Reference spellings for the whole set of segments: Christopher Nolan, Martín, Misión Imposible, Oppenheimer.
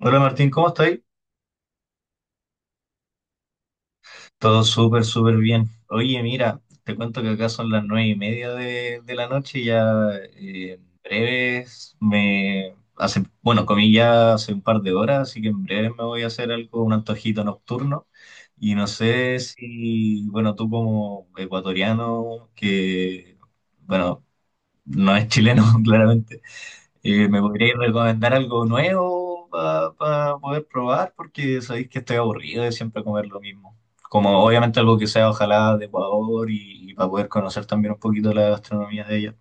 Hola Martín, ¿cómo estáis? Todo súper, súper bien. Oye, mira, te cuento que acá son las 9:30 de la noche y ya en breves me hace, bueno, comí ya hace un par de horas, así que en breves me voy a hacer algo, un antojito nocturno. Y no sé si, bueno, tú como ecuatoriano, que, bueno, no es chileno claramente. ¿me podríais recomendar algo nuevo para poder probar? Porque sabéis que estoy aburrido de siempre comer lo mismo. Como obviamente algo que sea ojalá de Ecuador y, para poder conocer también un poquito la gastronomía de ella.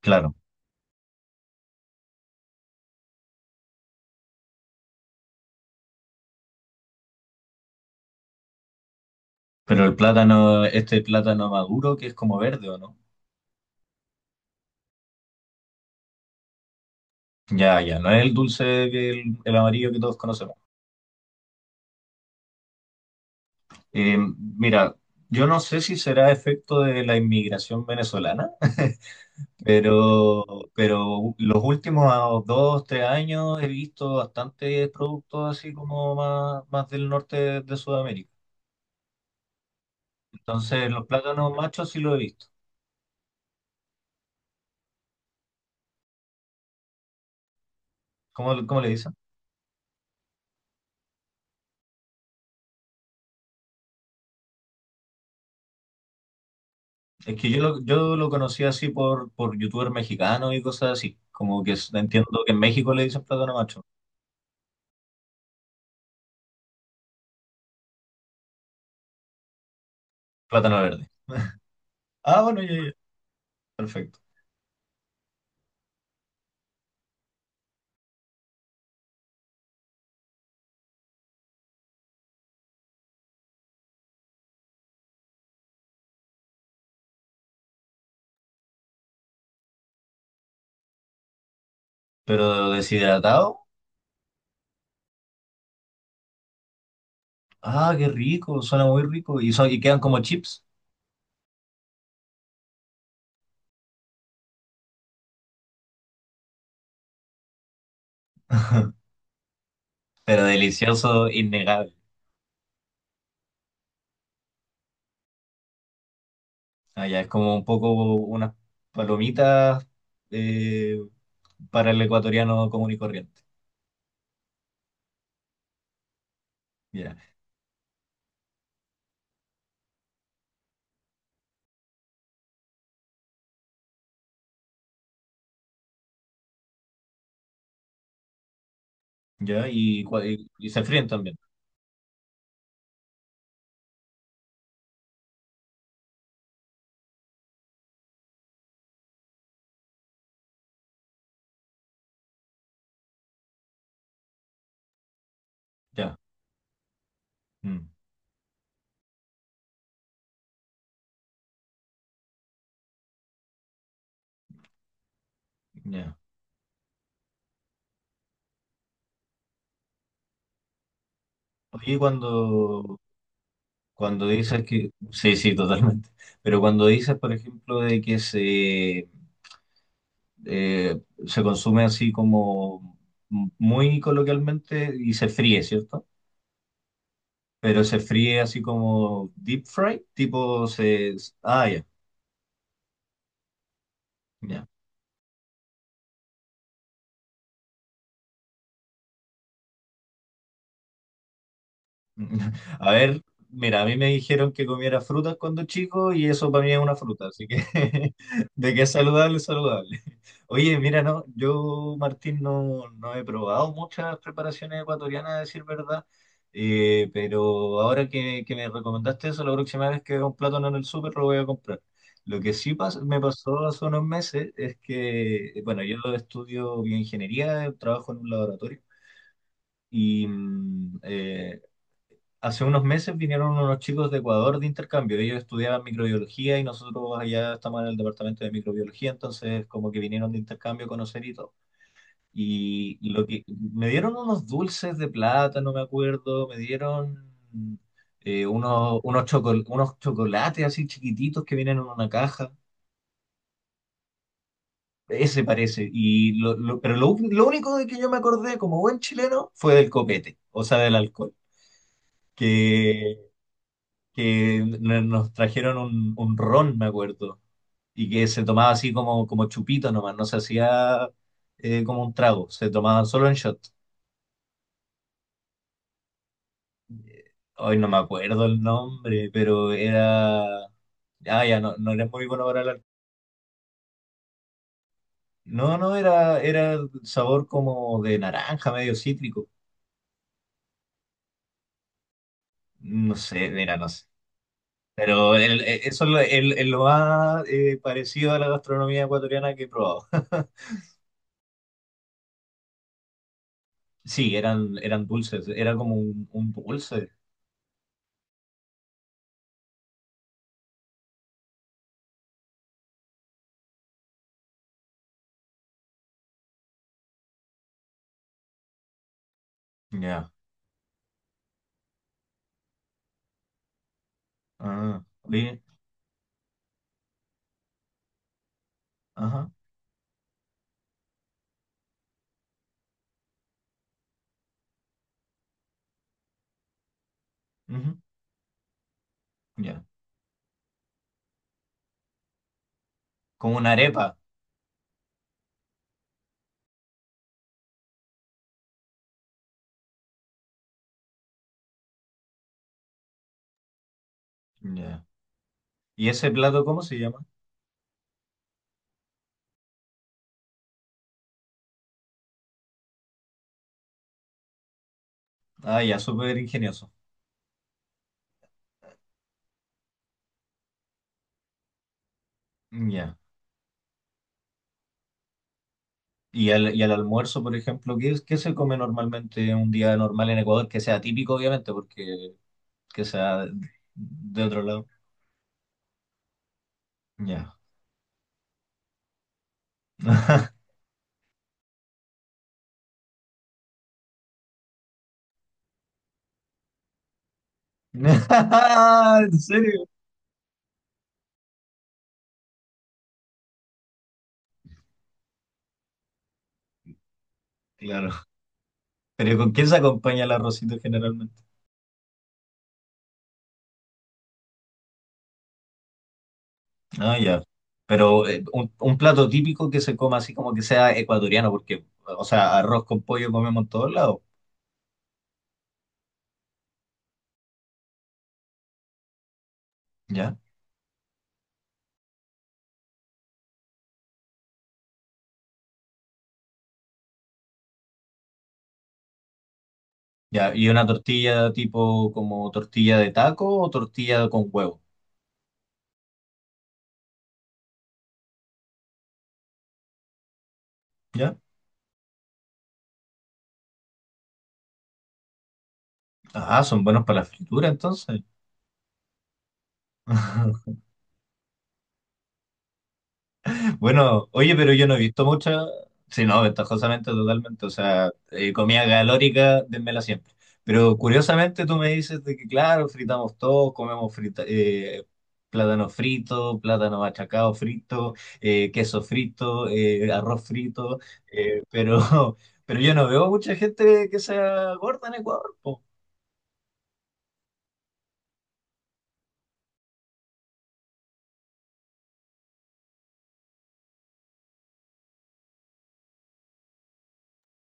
Claro, pero el plátano, este plátano maduro que es como verde, ¿o no? Ya, ya, no es el dulce, que el amarillo que todos conocemos. Eh, mira, yo no sé si será efecto de la inmigración venezolana. Pero, pero los últimos dos, tres años he visto bastantes productos así como más, más del norte de Sudamérica. Entonces, los plátanos machos sí lo he visto. ¿Cómo, cómo le dicen? Es que yo lo conocí así por youtuber mexicano y cosas así. Como que es- entiendo que en México le dicen plátano macho, plátano verde. Ah, bueno, ya, ya, perfecto. Pero deshidratado, ah, qué rico, suena muy rico. Y, son, y quedan como chips, pero delicioso, innegable. Ah, ya, es como un poco unas palomitas eh, para el ecuatoriano común y corriente. Ya, ya, y, cua- y se fríen también. Ya, mm, ya. Oye, cuando, cuando dices que. Sí, sí, totalmente. Pero cuando dices, por ejemplo, de que se, eh, se consume así como muy coloquialmente y se fríe, ¿cierto? Pero se fríe así como deep fry, tipo se. Ah, ya, ya. A ver, mira, a mí me dijeron que comiera frutas cuando chico y eso para mí es una fruta, así que de que es saludable, es saludable. Oye, mira, no, yo, Martín, no, no he probado muchas preparaciones ecuatorianas, a decir verdad, pero ahora que me recomendaste eso, la próxima vez que vea un plátano en el súper lo voy a comprar. Lo que sí pas- me pasó hace unos meses es que, bueno, yo estudio bioingeniería, trabajo en un laboratorio. Y hace unos meses vinieron unos chicos de Ecuador de intercambio. Ellos estudiaban microbiología y nosotros allá estamos en el departamento de microbiología, entonces como que vinieron de intercambio a conocer y todo. Y lo que me dieron unos dulces de plátano, me acuerdo, me dieron unos, unos, chocol- unos chocolates así chiquititos que vienen en una caja. Ese parece. Y lo- pero lo único de que yo me acordé como buen chileno fue del copete, o sea, del alcohol. que que n- nos trajeron un ron, me acuerdo, y que se tomaba así como, como chupito nomás, no se hacía como un trago, se tomaba solo en shot. Hoy no me acuerdo el nombre, pero era... Ah, ya, no, no era muy bueno para hablar. No, no, era, era sabor como de naranja, medio cítrico. No sé, mira, no sé. Pero el- eso es lo, el lo más parecido a la gastronomía ecuatoriana que he probado. Sí, eran, eran dulces, era como un dulce. Ya. Ah, oye, ajá, ujú, ya. Como una arepa. Ya. ¿Y ese plato cómo se llama? Ah, ya, súper ingenioso. Ya. ¿Y al almuerzo, por ejemplo, qué, es- qué se come normalmente un día normal en Ecuador? Que sea típico, obviamente, porque que sea de otro lado. Ya. ¿En serio? Claro. ¿Pero con qué se acompaña el arrocito generalmente? Ah, ya. Pero un plato típico que se coma así como que sea ecuatoriano, porque, o sea, arroz con pollo comemos en todos lados, ¿ya? Ya, y una tortilla tipo como tortilla de taco o tortilla con huevo, ¿ya? Ah, son buenos para la fritura entonces. Bueno, oye, pero yo no he visto mucha. Sí, no, ventajosamente, totalmente. O sea, comida calórica, dénmela siempre. Pero curiosamente tú me dices de que, claro, fritamos todo, comemos frita, plátano frito, plátano machacado frito, queso frito, arroz frito. Pero, pero yo no veo mucha gente que sea gorda en Ecuador, po.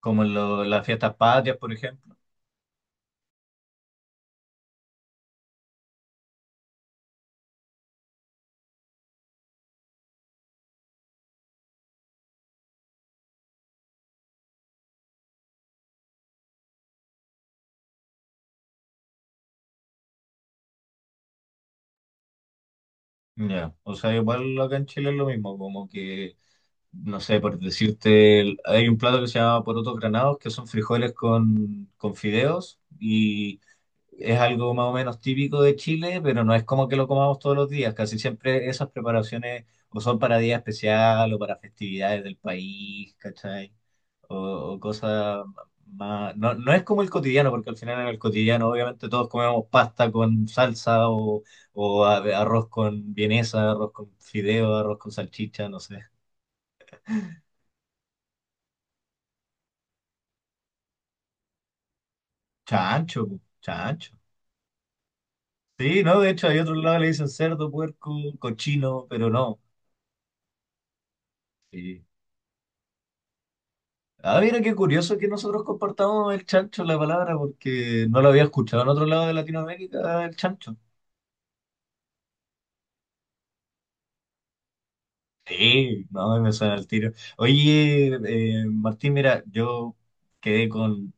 Como en lo- las fiestas patrias, por ejemplo. Ya, o sea, igual acá en Chile es lo mismo, como que. No sé, por decirte, hay un plato que se llama porotos granados, que son frijoles con fideos y es algo más o menos típico de Chile, pero no es como que lo comamos todos los días. Casi siempre esas preparaciones o son para día especial o para festividades del país, ¿cachai? O, o cosas más... No, no es como el cotidiano, porque al final en el cotidiano obviamente todos comemos pasta con salsa o a- arroz con vienesa, arroz con fideo, arroz con salchicha, no sé. Chancho, po, chancho. Sí, no, de hecho, hay otro lado que le dicen cerdo, puerco, cochino, pero no. Sí. Ah, mira qué curioso que nosotros compartamos el chancho, la palabra, porque no lo había escuchado en otro lado de Latinoamérica, el chancho. Sí, no, me suena el tiro. Oye, Martín, mira, yo quedé con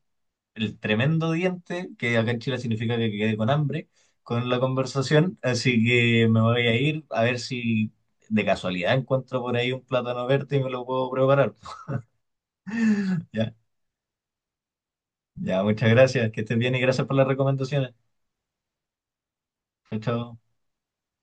el tremendo diente, que acá en Chile significa que quedé con hambre con la conversación, así que me voy a ir a ver si de casualidad encuentro por ahí un plátano verde y me lo puedo preparar. Ya, ya, muchas gracias, que estés bien y gracias por las recomendaciones. Chao, chao.